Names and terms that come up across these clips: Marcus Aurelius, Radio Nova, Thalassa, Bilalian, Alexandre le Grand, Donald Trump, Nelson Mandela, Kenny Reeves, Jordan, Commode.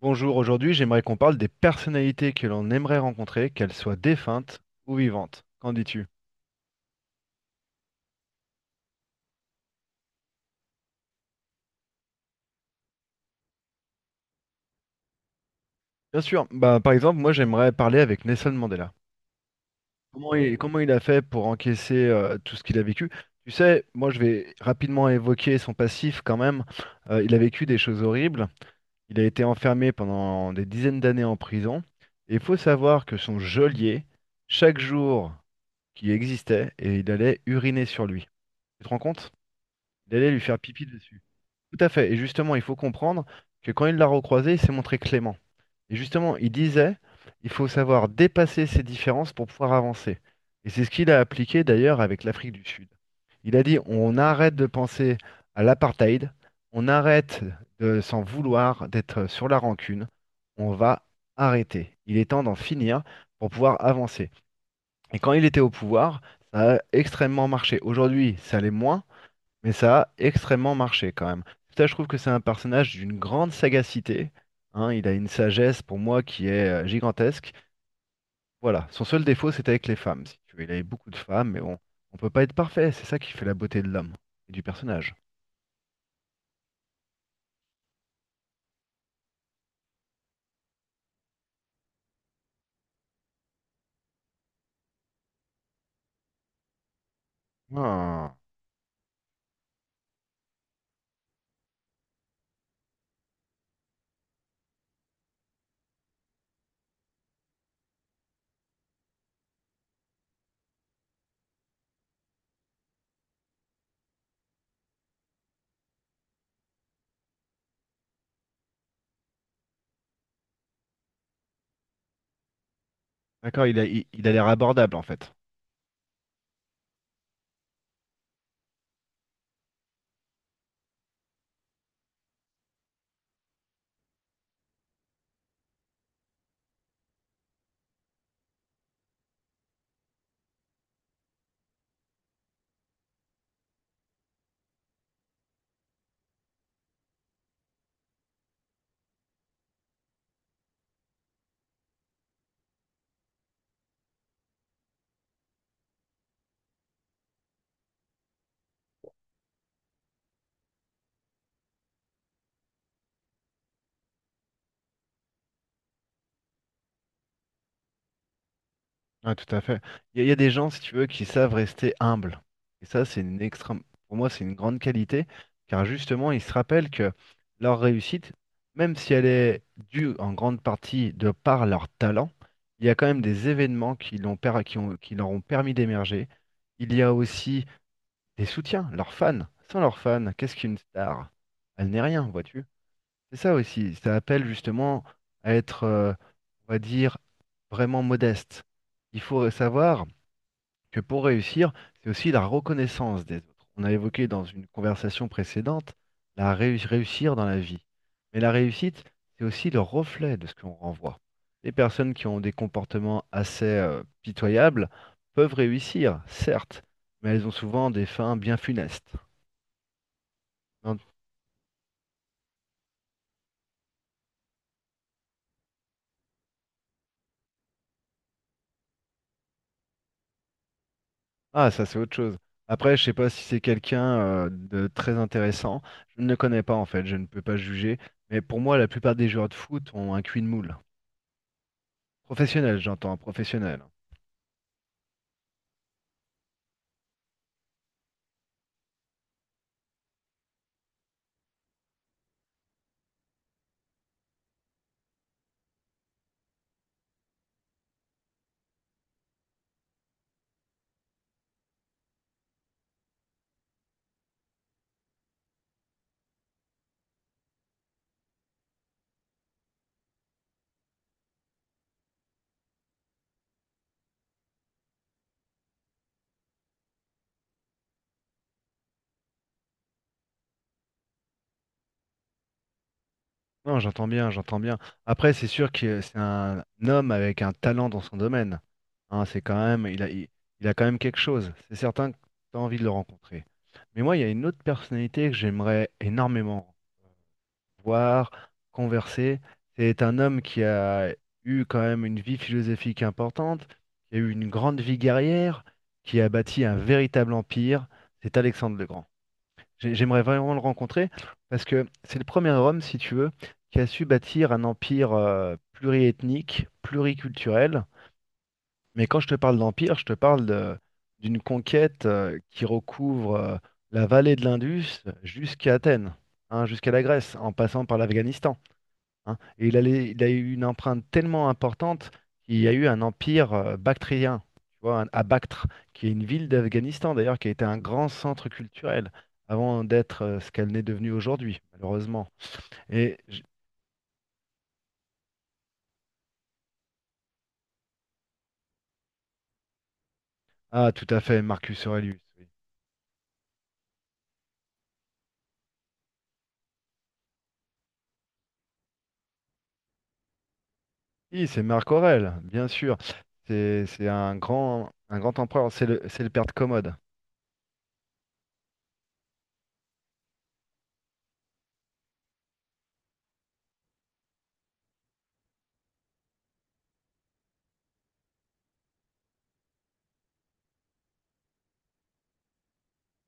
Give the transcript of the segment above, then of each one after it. Bonjour, aujourd'hui j'aimerais qu'on parle des personnalités que l'on aimerait rencontrer, qu'elles soient défuntes ou vivantes. Qu'en dis-tu? Bien sûr, bah, par exemple, moi j'aimerais parler avec Nelson Mandela. Comment il a fait pour encaisser tout ce qu'il a vécu? Tu sais, moi je vais rapidement évoquer son passif quand même. Il a vécu des choses horribles, il a été enfermé pendant des dizaines d'années en prison, et il faut savoir que son geôlier, chaque jour qui existait, et il allait uriner sur lui. Tu te rends compte? Il allait lui faire pipi dessus. Tout à fait. Et justement, il faut comprendre que quand il l'a recroisé, il s'est montré clément. Et justement, il disait, il faut savoir dépasser ses différences pour pouvoir avancer. Et c'est ce qu'il a appliqué d'ailleurs avec l'Afrique du Sud. Il a dit, on arrête de penser à l'apartheid, on arrête de s'en vouloir, d'être sur la rancune, on va arrêter. Il est temps d'en finir pour pouvoir avancer. Et quand il était au pouvoir, ça a extrêmement marché. Aujourd'hui, ça l'est moins, mais ça a extrêmement marché quand même. Ça, je trouve que c'est un personnage d'une grande sagacité. Hein, il a une sagesse pour moi qui est gigantesque. Voilà, son seul défaut, c'était avec les femmes, si tu veux. Il avait beaucoup de femmes, mais bon, on peut pas être parfait. C'est ça qui fait la beauté de l'homme et du personnage. Ah. D'accord, il a l'air abordable en fait. Ouais, tout à fait. Il y a des gens, si tu veux, qui savent rester humbles. Et ça, c'est une extrême, pour moi, c'est une grande qualité, car justement, ils se rappellent que leur réussite, même si elle est due en grande partie de par leur talent, il y a quand même des événements qui l'ont per- qui ont- qui leur ont permis d'émerger. Il y a aussi des soutiens, leurs fans. Sans leurs fans, qu'est-ce qu'une star? Elle n'est rien, vois-tu? C'est ça aussi. Ça appelle justement à être, on va dire, vraiment modeste. Il faut savoir que pour réussir, c'est aussi la reconnaissance des autres. On a évoqué dans une conversation précédente réussir dans la vie. Mais la réussite, c'est aussi le reflet de ce qu'on renvoie. Les personnes qui ont des comportements assez pitoyables peuvent réussir, certes, mais elles ont souvent des fins bien funestes. Non. Ah, ça c'est autre chose. Après, je sais pas si c'est quelqu'un de très intéressant. Je ne le connais pas en fait, je ne peux pas juger. Mais pour moi, la plupart des joueurs de foot ont un cul de moule. Professionnel, j'entends, professionnel. Non, j'entends bien, j'entends bien. Après, c'est sûr que c'est un homme avec un talent dans son domaine. Hein, c'est quand même, il a quand même quelque chose. C'est certain que tu as envie de le rencontrer. Mais moi, il y a une autre personnalité que j'aimerais énormément voir, converser. C'est un homme qui a eu quand même une vie philosophique importante, qui a eu une grande vie guerrière, qui a bâti un véritable empire. C'est Alexandre le Grand. J'aimerais vraiment le rencontrer parce que c'est le premier homme, si tu veux, qui a su bâtir un empire pluriethnique, pluriculturel. Mais quand je te parle d'empire, je te parle de- d'une conquête qui recouvre la vallée de l'Indus jusqu'à Athènes, hein, jusqu'à la Grèce, en passant par l'Afghanistan hein. Il a eu une empreinte tellement importante qu'il y a eu un empire bactrien, tu vois, à Bactre, qui est une ville d'Afghanistan d'ailleurs, qui a été un grand centre culturel avant d'être ce qu'elle n'est devenue aujourd'hui, malheureusement. Et j- ah, tout à fait, Marcus Aurelius. Oui, oui, c'est Marc Aurèle, bien sûr. C'est un grand empereur. C'est le père de Commode.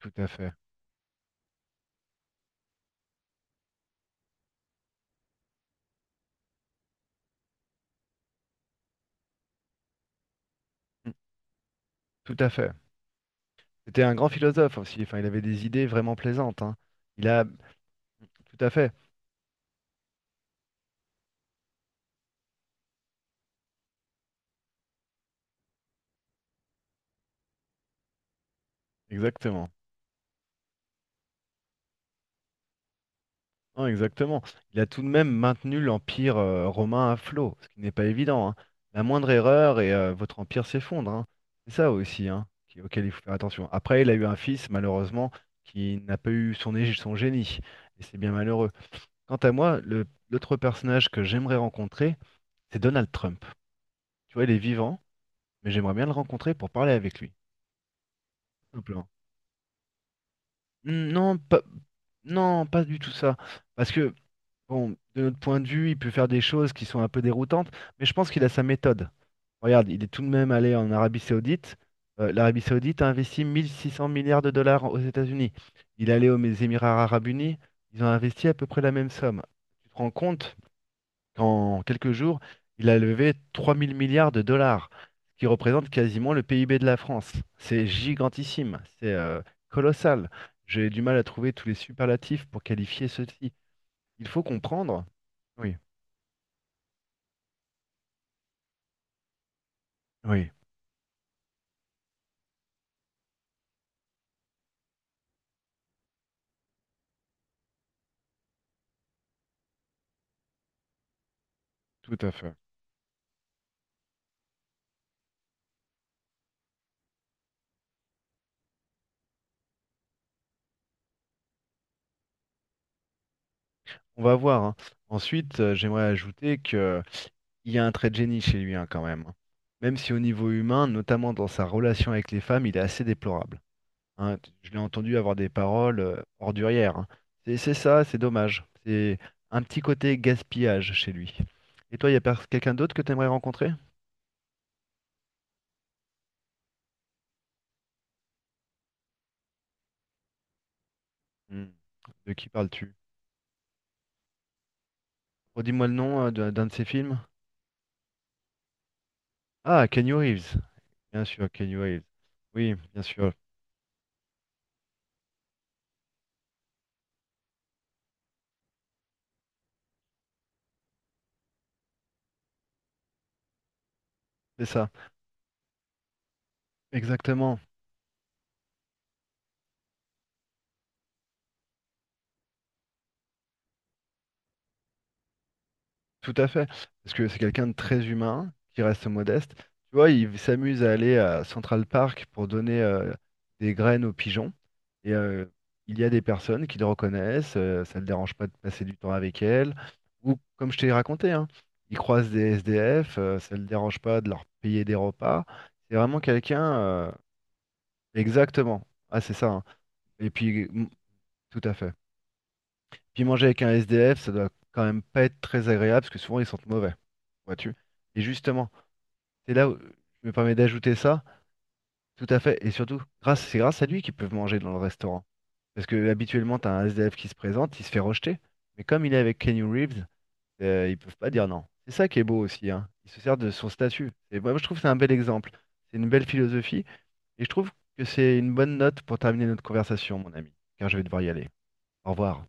Tout à fait. Mm. Tout à fait. C'était un grand philosophe aussi. Enfin, il avait des idées vraiment plaisantes, hein. Il a, tout à fait, exactement. Non, exactement. Il a tout de même maintenu l'empire romain à flot, ce qui n'est pas évident, hein. La moindre erreur et votre empire s'effondre, hein. C'est ça aussi, hein, auquel il faut faire attention. Après, il a eu un fils, malheureusement, qui n'a pas eu son génie, et c'est bien malheureux. Quant à moi, l'autre personnage que j'aimerais rencontrer, c'est Donald Trump. Tu vois, il est vivant, mais j'aimerais bien le rencontrer pour parler avec lui, tout simplement. Hmm, non, pas, non, pas du tout ça. Parce que bon, de notre point de vue, il peut faire des choses qui sont un peu déroutantes, mais je pense qu'il a sa méthode. Regarde, il est tout de même allé en Arabie Saoudite. L'Arabie Saoudite a investi 1600 milliards de dollars aux États-Unis. Il est allé aux Émirats Arabes Unis. Ils ont investi à peu près la même somme. Tu te rends compte qu'en quelques jours, il a levé 3000 milliards de dollars, ce qui représente quasiment le PIB de la France. C'est gigantissime, c'est colossal. J'ai du mal à trouver tous les superlatifs pour qualifier ceci. Il faut comprendre. Oui. Oui, tout à fait. On va voir, hein. Ensuite, j'aimerais ajouter que il y a un trait de génie chez lui, hein, quand même, hein. Même si au niveau humain, notamment dans sa relation avec les femmes, il est assez déplorable, hein. Je l'ai entendu avoir des paroles ordurières, hein. C'est ça, c'est dommage. C'est un petit côté gaspillage chez lui. Et toi, il y a quelqu'un d'autre que tu aimerais rencontrer? Hmm. De qui parles-tu? Redis-moi le nom d'un de ses films. Ah, Kenny Reeves. Bien sûr, Kenny Reeves. Oui, bien sûr. C'est ça. Exactement. Tout à fait, parce que c'est quelqu'un de très humain, qui reste modeste. Tu vois, il s'amuse à aller à Central Park pour donner des graines aux pigeons. Et il y a des personnes qui le reconnaissent, ça ne le dérange pas de passer du temps avec elles. Ou comme je t'ai raconté, hein, il croise des SDF, ça ne le dérange pas de leur payer des repas. C'est vraiment quelqu'un, exactement. Ah, c'est ça, hein. Et puis, mm, tout à fait. Puis manger avec un SDF, ça doit quand même pas être très agréable parce que souvent ils sentent mauvais, vois-tu. Et justement, c'est là où je me permets d'ajouter ça, tout à fait, et surtout, grâce, c'est grâce à lui qu'ils peuvent manger dans le restaurant. Parce que habituellement, t'as un SDF qui se présente, il se fait rejeter, mais comme il est avec Kenny Reeves, ils peuvent pas dire non. C'est ça qui est beau aussi, hein. Il se sert de son statut. Et moi, je trouve que c'est un bel exemple, c'est une belle philosophie, et je trouve que c'est une bonne note pour terminer notre conversation, mon ami, car je vais devoir y aller. Au revoir.